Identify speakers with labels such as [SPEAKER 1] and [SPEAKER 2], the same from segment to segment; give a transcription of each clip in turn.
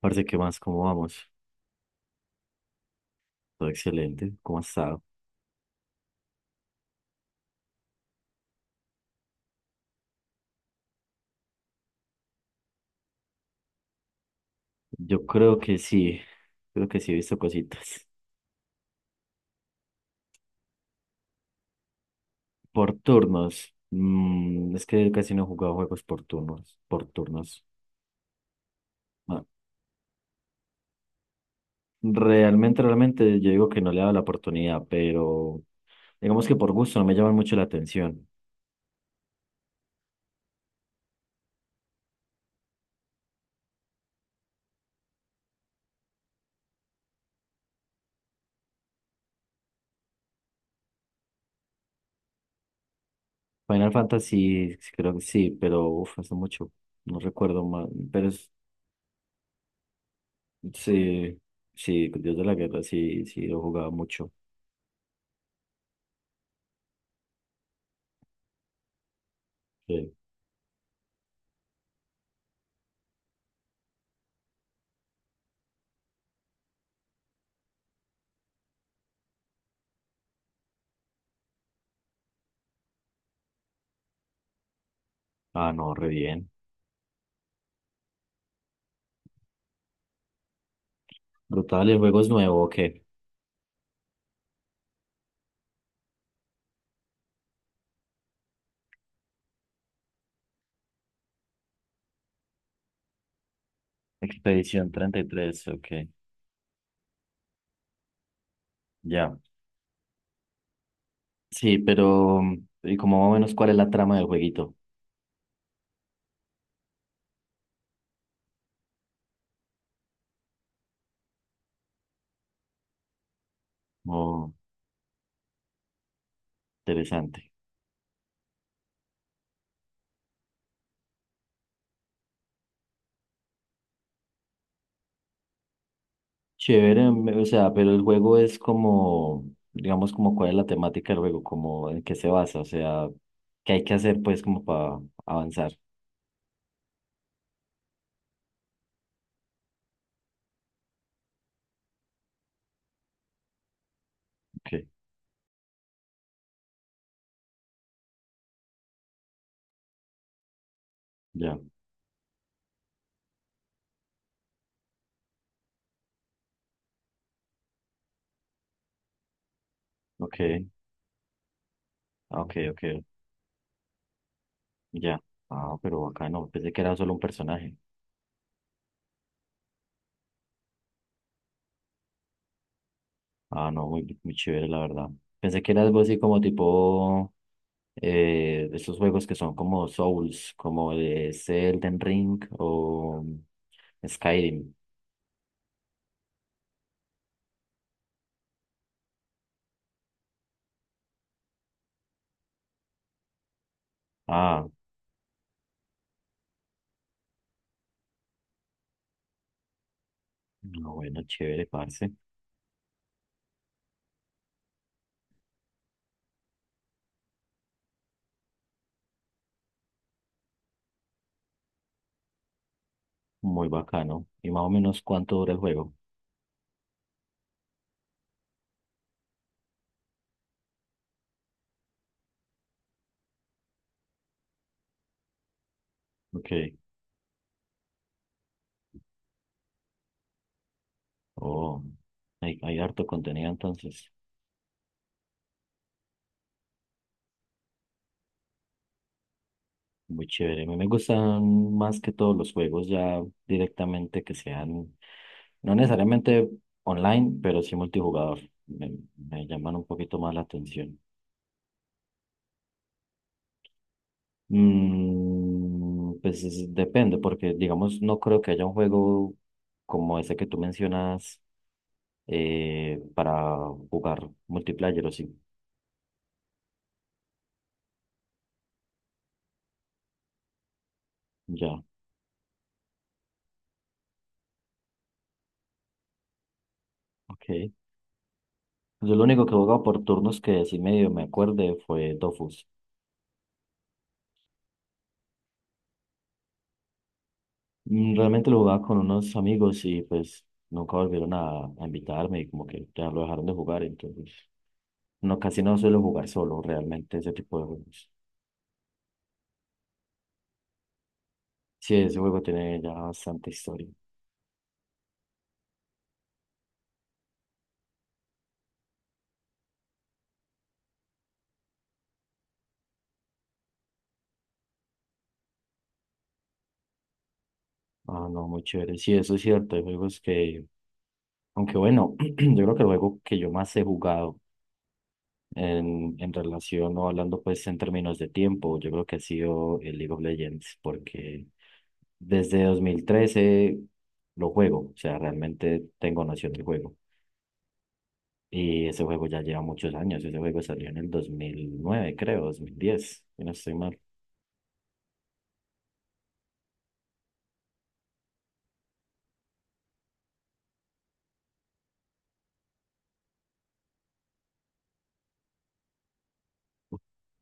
[SPEAKER 1] Parce, ¿qué más? ¿Cómo vamos? Todo excelente. ¿Cómo has estado? Yo creo que sí. Creo que sí he visto cositas. Por turnos. Es que casi no he jugado juegos por turnos. Por turnos. No. Realmente, yo digo que no le he dado la oportunidad, pero digamos que por gusto no me llaman mucho la atención. Final Fantasy, sí, creo que sí, pero uff, hace mucho. No recuerdo más. Sí, sí, Dios de la Guerra, sí, sí, lo he jugado mucho. Sí. Ah, no, re bien. Brutal, el juego es nuevo, ok. Expedición 33, ok. Ya. Sí, pero, ¿y como más o menos cuál es la trama del jueguito? Oh, interesante. Chévere, o sea, pero el juego es como, digamos, como cuál es la temática del juego, como en qué se basa, o sea, qué hay que hacer pues como para avanzar. Ok, ya, ok, ah, ok, ok, ya. Ah, pero acá no, pensé que era solo un personaje. Ah, no, muy, muy chévere, la verdad. Pensé que era algo así como tipo esos juegos que son como Souls, como de Elden Ring o Skyrim. Ah, no, bueno, chévere, parce. Muy bacano. ¿Y más o menos cuánto dura el juego? Ok. Oh, hay harto contenido entonces. Muy chévere. A mí me gustan más que todos los juegos ya directamente que sean, no necesariamente online, pero sí multijugador. Me llaman un poquito más la atención. Pues depende, porque digamos, no creo que haya un juego como ese que tú mencionas para jugar multiplayer o sí. Ya, ok. Yo lo único que jugaba por turnos que sí medio me acuerde fue Dofus. Realmente lo jugaba con unos amigos y pues nunca volvieron a invitarme y como que ya lo dejaron de jugar, entonces no, casi no suelo jugar solo realmente ese tipo de juegos. Sí, ese juego tiene ya bastante historia. Ah, no, muy chévere. Sí, eso es cierto. Hay juegos que, aunque bueno, yo creo que el juego que yo más he jugado en relación o hablando pues en términos de tiempo, yo creo que ha sido el League of Legends, porque desde 2013 lo juego, o sea, realmente tengo noción del juego. Y ese juego ya lleva muchos años. Ese juego salió en el 2009 creo, 2010, si no estoy mal.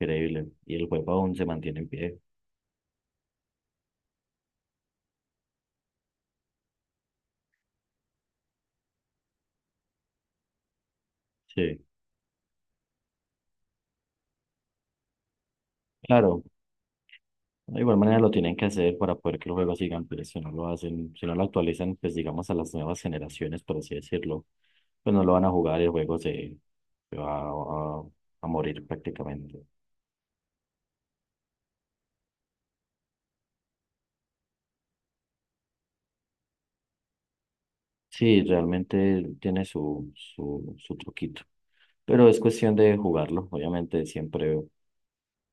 [SPEAKER 1] Increíble. Y el juego aún se mantiene en pie. Sí. Claro, de igual manera lo tienen que hacer para poder que los juegos sigan, pero si no lo hacen, si no lo actualizan, pues digamos a las nuevas generaciones, por así decirlo, pues no lo van a jugar y el juego se, se va a morir prácticamente. Sí, realmente tiene su truquito, pero es cuestión de jugarlo. Obviamente siempre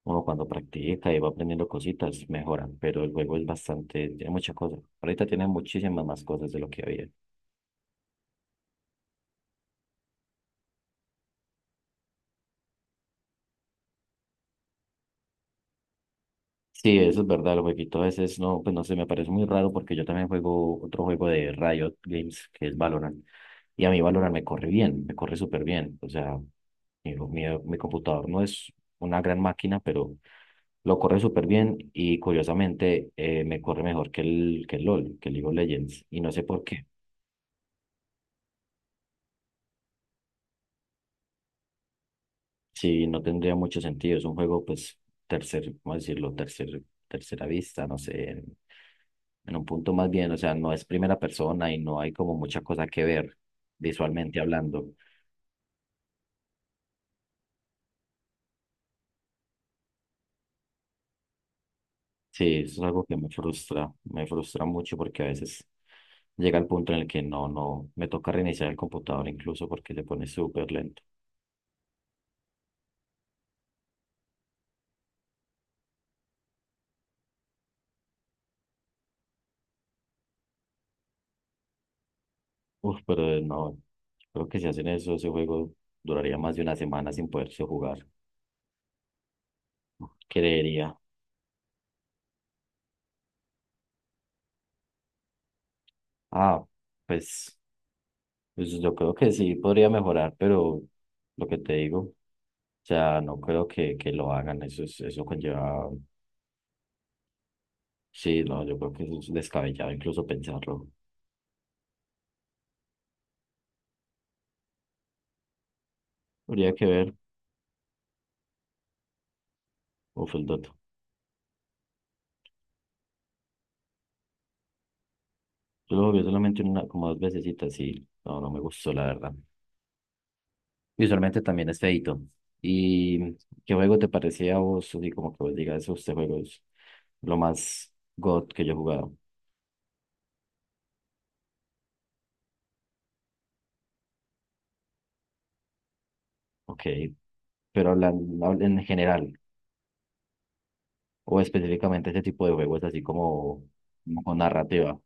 [SPEAKER 1] uno cuando practica y va aprendiendo cositas, mejoran, pero el juego es bastante, tiene muchas cosas. Ahorita tiene muchísimas más cosas de lo que había. Sí, eso es verdad, el jueguito a veces no, pues no sé, me parece muy raro porque yo también juego otro juego de Riot Games que es Valorant y a mí Valorant me corre bien, me corre súper bien, o sea, mi computador no es una gran máquina, pero lo corre súper bien y curiosamente me corre mejor que que el LOL, que el League of Legends y no sé por qué. Sí, no tendría mucho sentido. Es un juego, pues, ¿cómo decirlo? Tercera vista, no sé, en un punto más bien, o sea, no es primera persona y no hay como mucha cosa que ver visualmente hablando. Sí, eso es algo que me frustra mucho porque a veces llega el punto en el que no, no, me toca reiniciar el computador incluso porque se pone súper lento. Uf, pero no, creo que si hacen eso, ese juego duraría más de una semana sin poderse jugar, creería. Ah, pues. Pues yo creo que sí podría mejorar, pero lo que te digo, o sea, no creo que lo hagan. Eso es, eso conlleva. Sí, no, yo creo que eso es descabellado incluso pensarlo. Habría que ver. Uf, el Dota. Yo lo jugué solamente una, como dos vecesitas y no, no me gustó, la verdad. Visualmente también es feito. ¿Y qué juego te parecía a vos? Así como que vos digas, este juego es lo más God que yo he jugado. Ok, pero hablan en general, o específicamente este tipo de juegos así como, como con narrativa.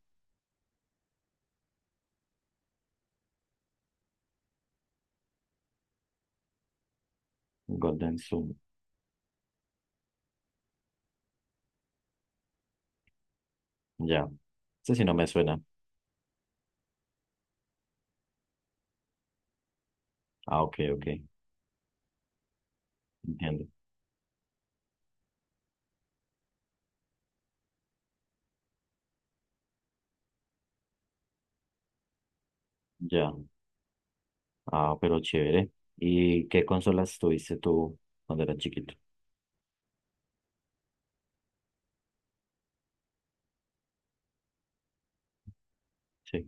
[SPEAKER 1] Golden Zoom, ya. Ese sí no me suena. Ah, ok, ok, entiendo. Ya. Ah, pero chévere. ¿Y qué consolas tuviste tú cuando eras chiquito? Sí.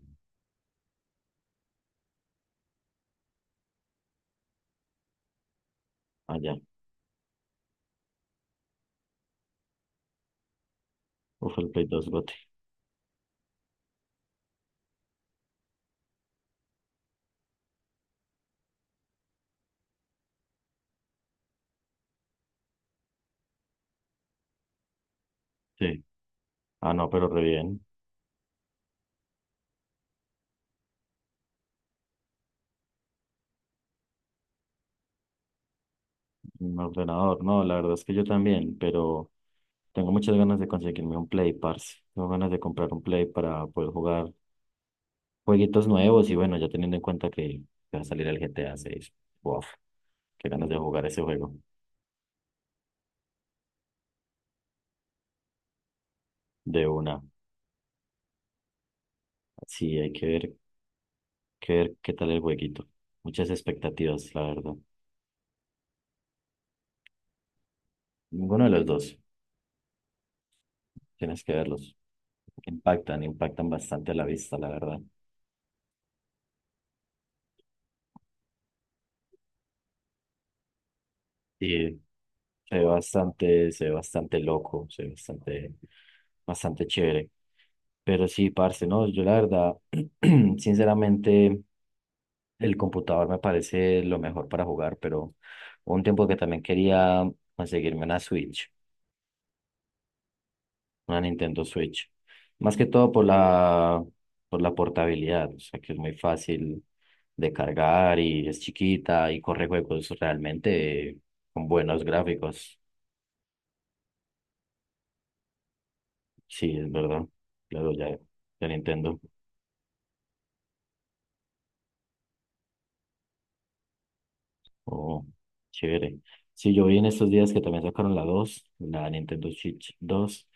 [SPEAKER 1] Ah, ya. Uf, el Play 2 bote. Sí. Ah, no, pero re bien. Un ordenador. No, la verdad es que yo también, pero tengo muchas ganas de conseguirme un Play, parce. Tengo ganas de comprar un Play para poder jugar jueguitos nuevos y bueno, ya teniendo en cuenta que va a salir el GTA 6. Wow, qué ganas de jugar ese juego de una. Sí, hay que ver qué tal el jueguito. Muchas expectativas, la verdad. Ninguno de los dos. Tienes que verlos. Impactan, impactan bastante a la vista, la verdad. Y se ve bastante loco, se ve bastante, bastante chévere. Pero sí, parce, no, yo la verdad, sinceramente, el computador me parece lo mejor para jugar, pero hubo un tiempo que también quería conseguirme una Switch, una Nintendo Switch. Más que todo por la portabilidad, o sea que es muy fácil de cargar y es chiquita y corre juegos realmente con buenos gráficos. Sí, es verdad. Claro, ya, ya Nintendo. Oh, chévere. Sí, yo vi en estos días que también sacaron la 2, la Nintendo Switch 2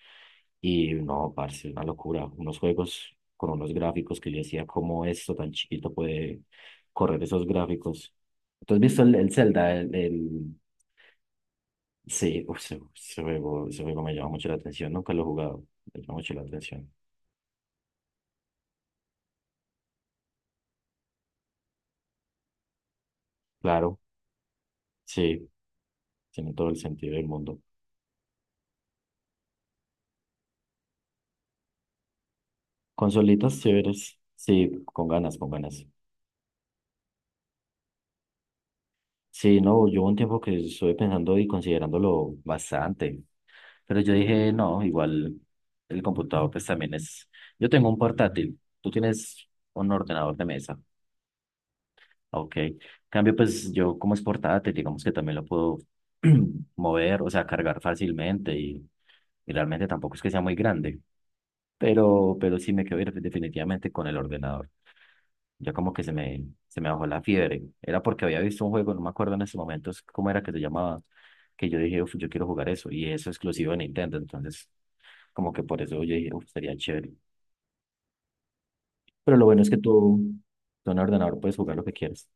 [SPEAKER 1] y no, parce, una locura. Unos juegos con unos gráficos que yo decía, ¿cómo esto tan chiquito puede correr esos gráficos? ¿Tú has visto el Zelda? Sí, uf, ese juego me llama mucho la atención. Nunca lo he jugado, me llama mucho la atención. Claro, sí, tiene todo el sentido del mundo. Consolitas chéveres, sí, con ganas, con ganas. Sí, no, yo hubo un tiempo que estuve pensando y considerándolo bastante, pero yo dije, no, igual el computador pues también es, yo tengo un portátil, tú tienes un ordenador de mesa, ok, en cambio pues yo como es portátil, digamos que también lo puedo mover, o sea, cargar fácilmente y realmente tampoco es que sea muy grande pero sí me quedé definitivamente con el ordenador. Ya como que se me bajó la fiebre. Era porque había visto un juego, no me acuerdo en ese momento cómo era que se llamaba, que yo dije: "Uf, yo quiero jugar eso". Y eso es exclusivo de Nintendo. Entonces, como que por eso yo dije: "Uf, sería chévere". Pero lo bueno es que tú en el ordenador puedes jugar lo que quieras.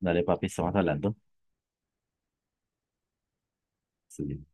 [SPEAKER 1] Dale, papi, estamos hablando. Sí.